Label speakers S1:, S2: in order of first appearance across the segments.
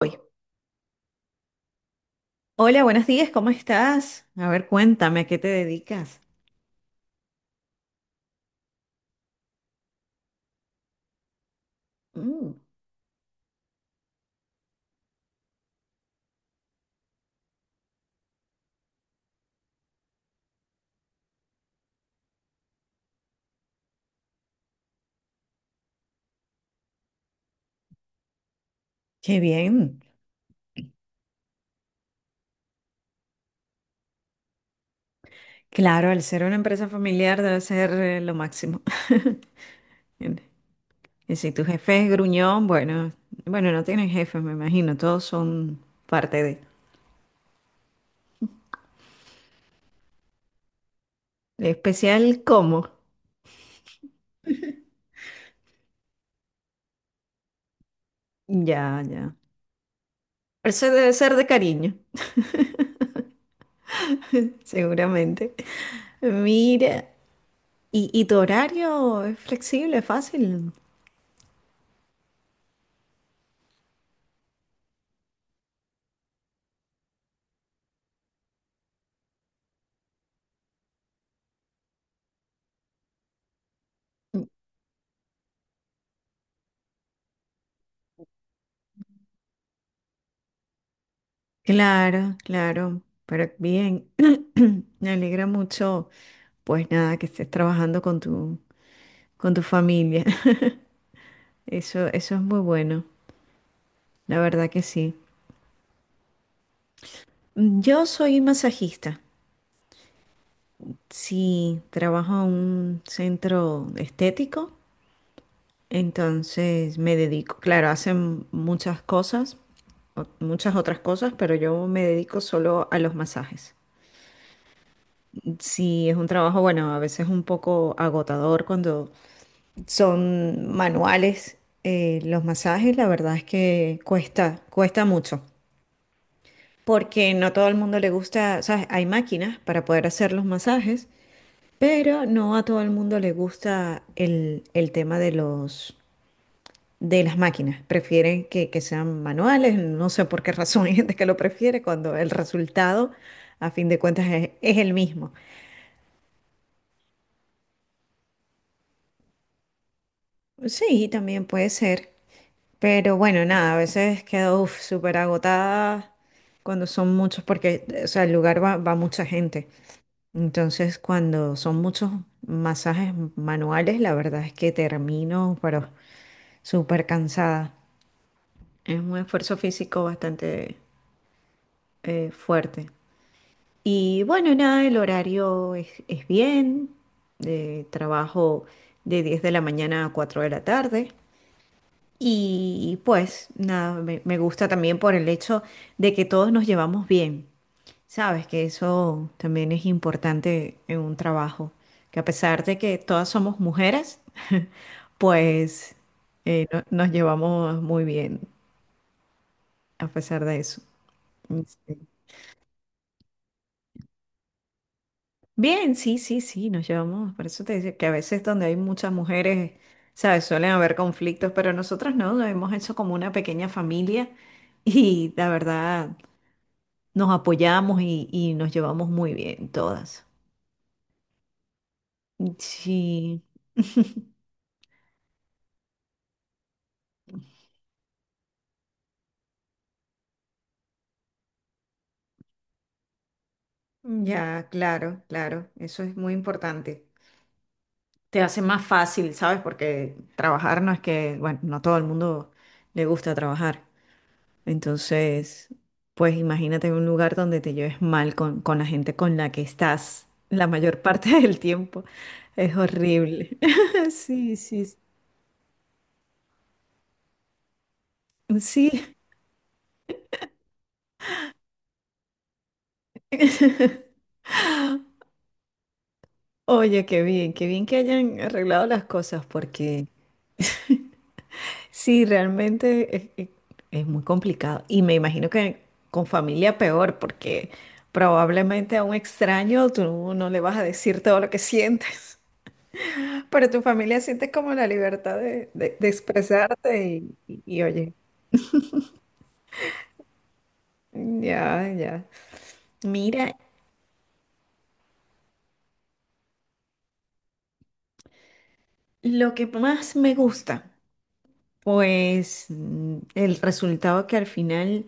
S1: Hoy. Hola, buenos días, ¿cómo estás? A ver, cuéntame, ¿a qué te dedicas? Mm, qué bien. Claro, al ser una empresa familiar debe ser lo máximo. Y si tu jefe es gruñón, bueno, bueno, no tienen jefe, me imagino, todos son parte de. Especial cómo. Ya, ya. Eso debe ser de cariño, seguramente. Mira, ¿y tu horario es flexible, fácil? Claro, claro, pero bien, me alegra mucho, pues nada, que estés trabajando con con tu familia. Eso es muy bueno, la verdad que sí. Mm, yo soy masajista, sí, trabajo en un centro estético, entonces me dedico, claro, hacen muchas cosas, muchas otras cosas, pero yo me dedico solo a los masajes. Sí, es un trabajo, bueno, a veces un poco agotador cuando son manuales. Eh, los masajes, la verdad es que cuesta mucho, porque no todo el mundo le gusta, ¿sabes? Hay máquinas para poder hacer los masajes, pero no a todo el mundo le gusta el tema de de las máquinas. Prefieren que sean manuales, no sé por qué razón hay gente que lo prefiere cuando el resultado, a fin de cuentas, es el mismo. Sí, también puede ser. Pero bueno, nada, a veces quedo uf, súper agotada cuando son muchos, porque o sea, el lugar va mucha gente. Entonces, cuando son muchos masajes manuales, la verdad es que termino, pero súper cansada. Es un esfuerzo físico bastante fuerte. Y bueno, nada, el horario es bien. Trabajo de 10 de la mañana a 4 de la tarde. Y pues nada, me gusta también por el hecho de que todos nos llevamos bien. Sabes que eso también es importante en un trabajo, que a pesar de que todas somos mujeres, pues nos llevamos muy bien a pesar de eso. Sí. Bien, sí, sí, sí, nos llevamos. Por eso te decía que a veces donde hay muchas mujeres, sabes, suelen haber conflictos, pero nosotros no, nos hemos hecho como una pequeña familia y la verdad. Nos apoyamos y nos llevamos muy bien todas. Sí, ya, claro, claro, eso es muy importante. Te hace más fácil, ¿sabes? Porque trabajar no es que, bueno, no a todo el mundo le gusta trabajar. Entonces, pues imagínate un lugar donde te lleves mal con la gente con la que estás la mayor parte del tiempo. Es horrible. Sí, sí, sí. Oye, qué bien que hayan arreglado las cosas porque... Sí, realmente es muy complicado. Y me imagino que con familia peor, porque probablemente a un extraño tú no le vas a decir todo lo que sientes, pero tu familia siente como la libertad de, de expresarte y oye, ya, ya. Mira, lo que más me gusta, pues mm, el resultado que al final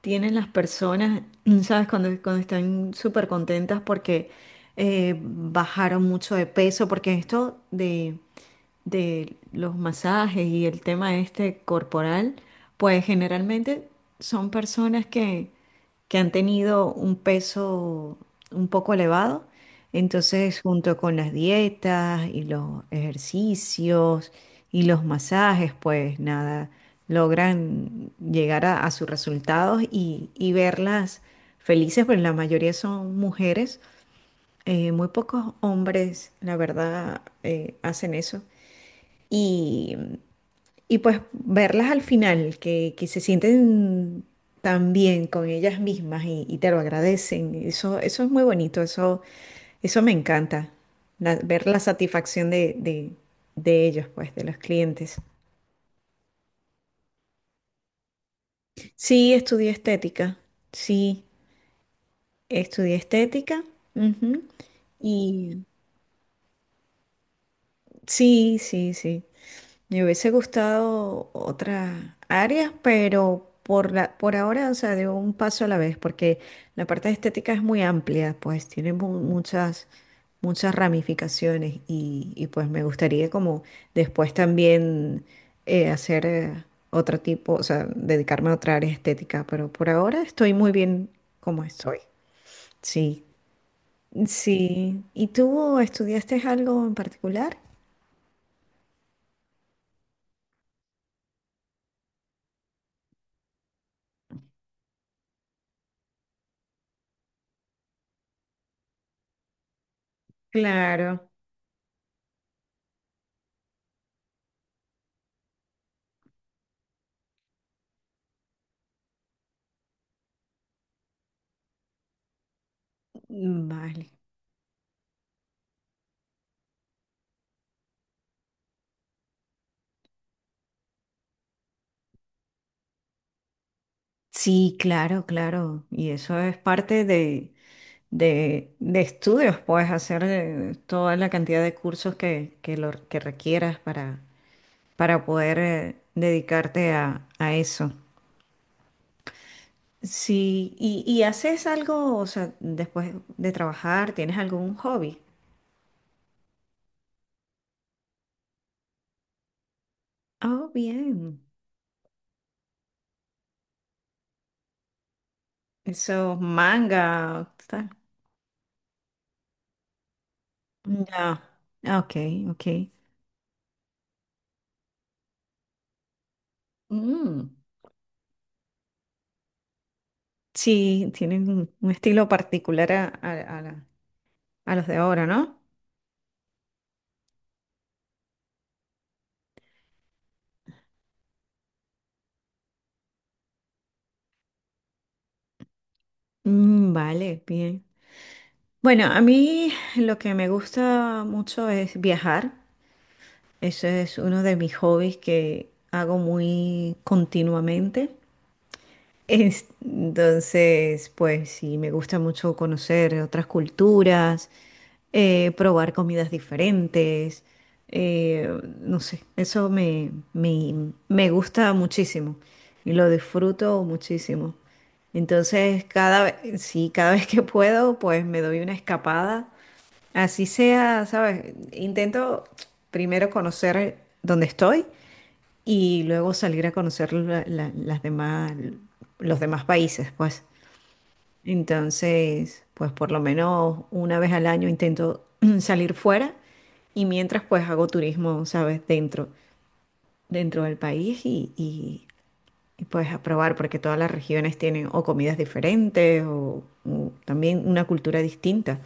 S1: tienen las personas, ¿sabes? Cuando están súper contentas porque bajaron mucho de peso, porque esto de los masajes y el tema este corporal, pues generalmente son personas que han tenido un peso un poco elevado. Entonces, junto con las dietas y los ejercicios y los masajes, pues nada, logran llegar a sus resultados y verlas felices, pero la mayoría son mujeres. Muy pocos hombres, la verdad, hacen eso y, y pues verlas al final, que se sienten tan bien con ellas mismas y te lo agradecen, eso es muy bonito, eso me encanta, ver la satisfacción de ellos, pues, de los clientes. Sí, estudié estética, sí, estudié estética, ujú. Y sí, sí, sí. Me hubiese gustado otras áreas, pero por por ahora, o sea, de un paso a la vez, porque la parte estética es muy amplia, pues tiene muchas, muchas ramificaciones y pues me gustaría como después también hacer otro tipo, o sea, dedicarme a otra área estética, pero por ahora estoy muy bien como estoy. Sí, sí. ¿Y tú estudiaste algo en particular? Claro, vale. Sí, claro, claro. Y eso es parte de, de estudios, puedes hacer toda la cantidad de cursos que requieras para poder dedicarte a eso. Sí, y haces algo, o sea, después de trabajar, ¿tienes algún hobby? Oh, bien. Eso, manga, tal. Ya. Ah, ok, ok. Mm, sí, tienen un estilo particular a, a la... A los de ahora, ¿no? Mm, vale, bien. Bueno, a mí lo que me gusta mucho es viajar. Ese es uno de mis hobbies que hago muy continuamente. Entonces, pues sí, me gusta mucho conocer otras culturas, probar comidas diferentes, eh, no sé, eso me gusta muchísimo y lo disfruto muchísimo. Entonces, cada vez, sí, cada vez que puedo, pues me doy una escapada. Así sea, ¿sabes? Intento primero conocer dónde estoy y luego salir a conocer las demás, los demás países, pues. Entonces, pues por lo menos una vez al año intento salir fuera y mientras pues hago turismo, ¿sabes? Dentro, dentro del país y pues a probar porque todas las regiones tienen o comidas diferentes o también una cultura distinta.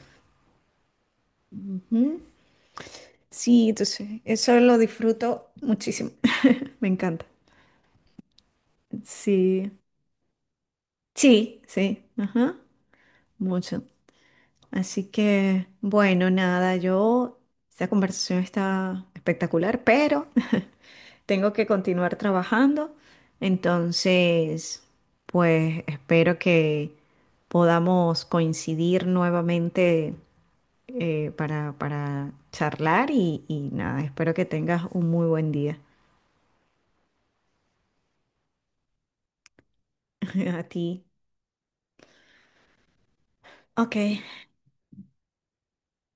S1: Ujú. Sí, entonces eso lo disfruto muchísimo. Me encanta. Sí. Sí, sí. Ajá. Mucho. Así que, bueno, nada, yo, esta conversación está espectacular, pero tengo que continuar trabajando. Entonces, pues espero que podamos coincidir nuevamente para charlar y nada, espero que tengas un muy buen día. A ti. Ok,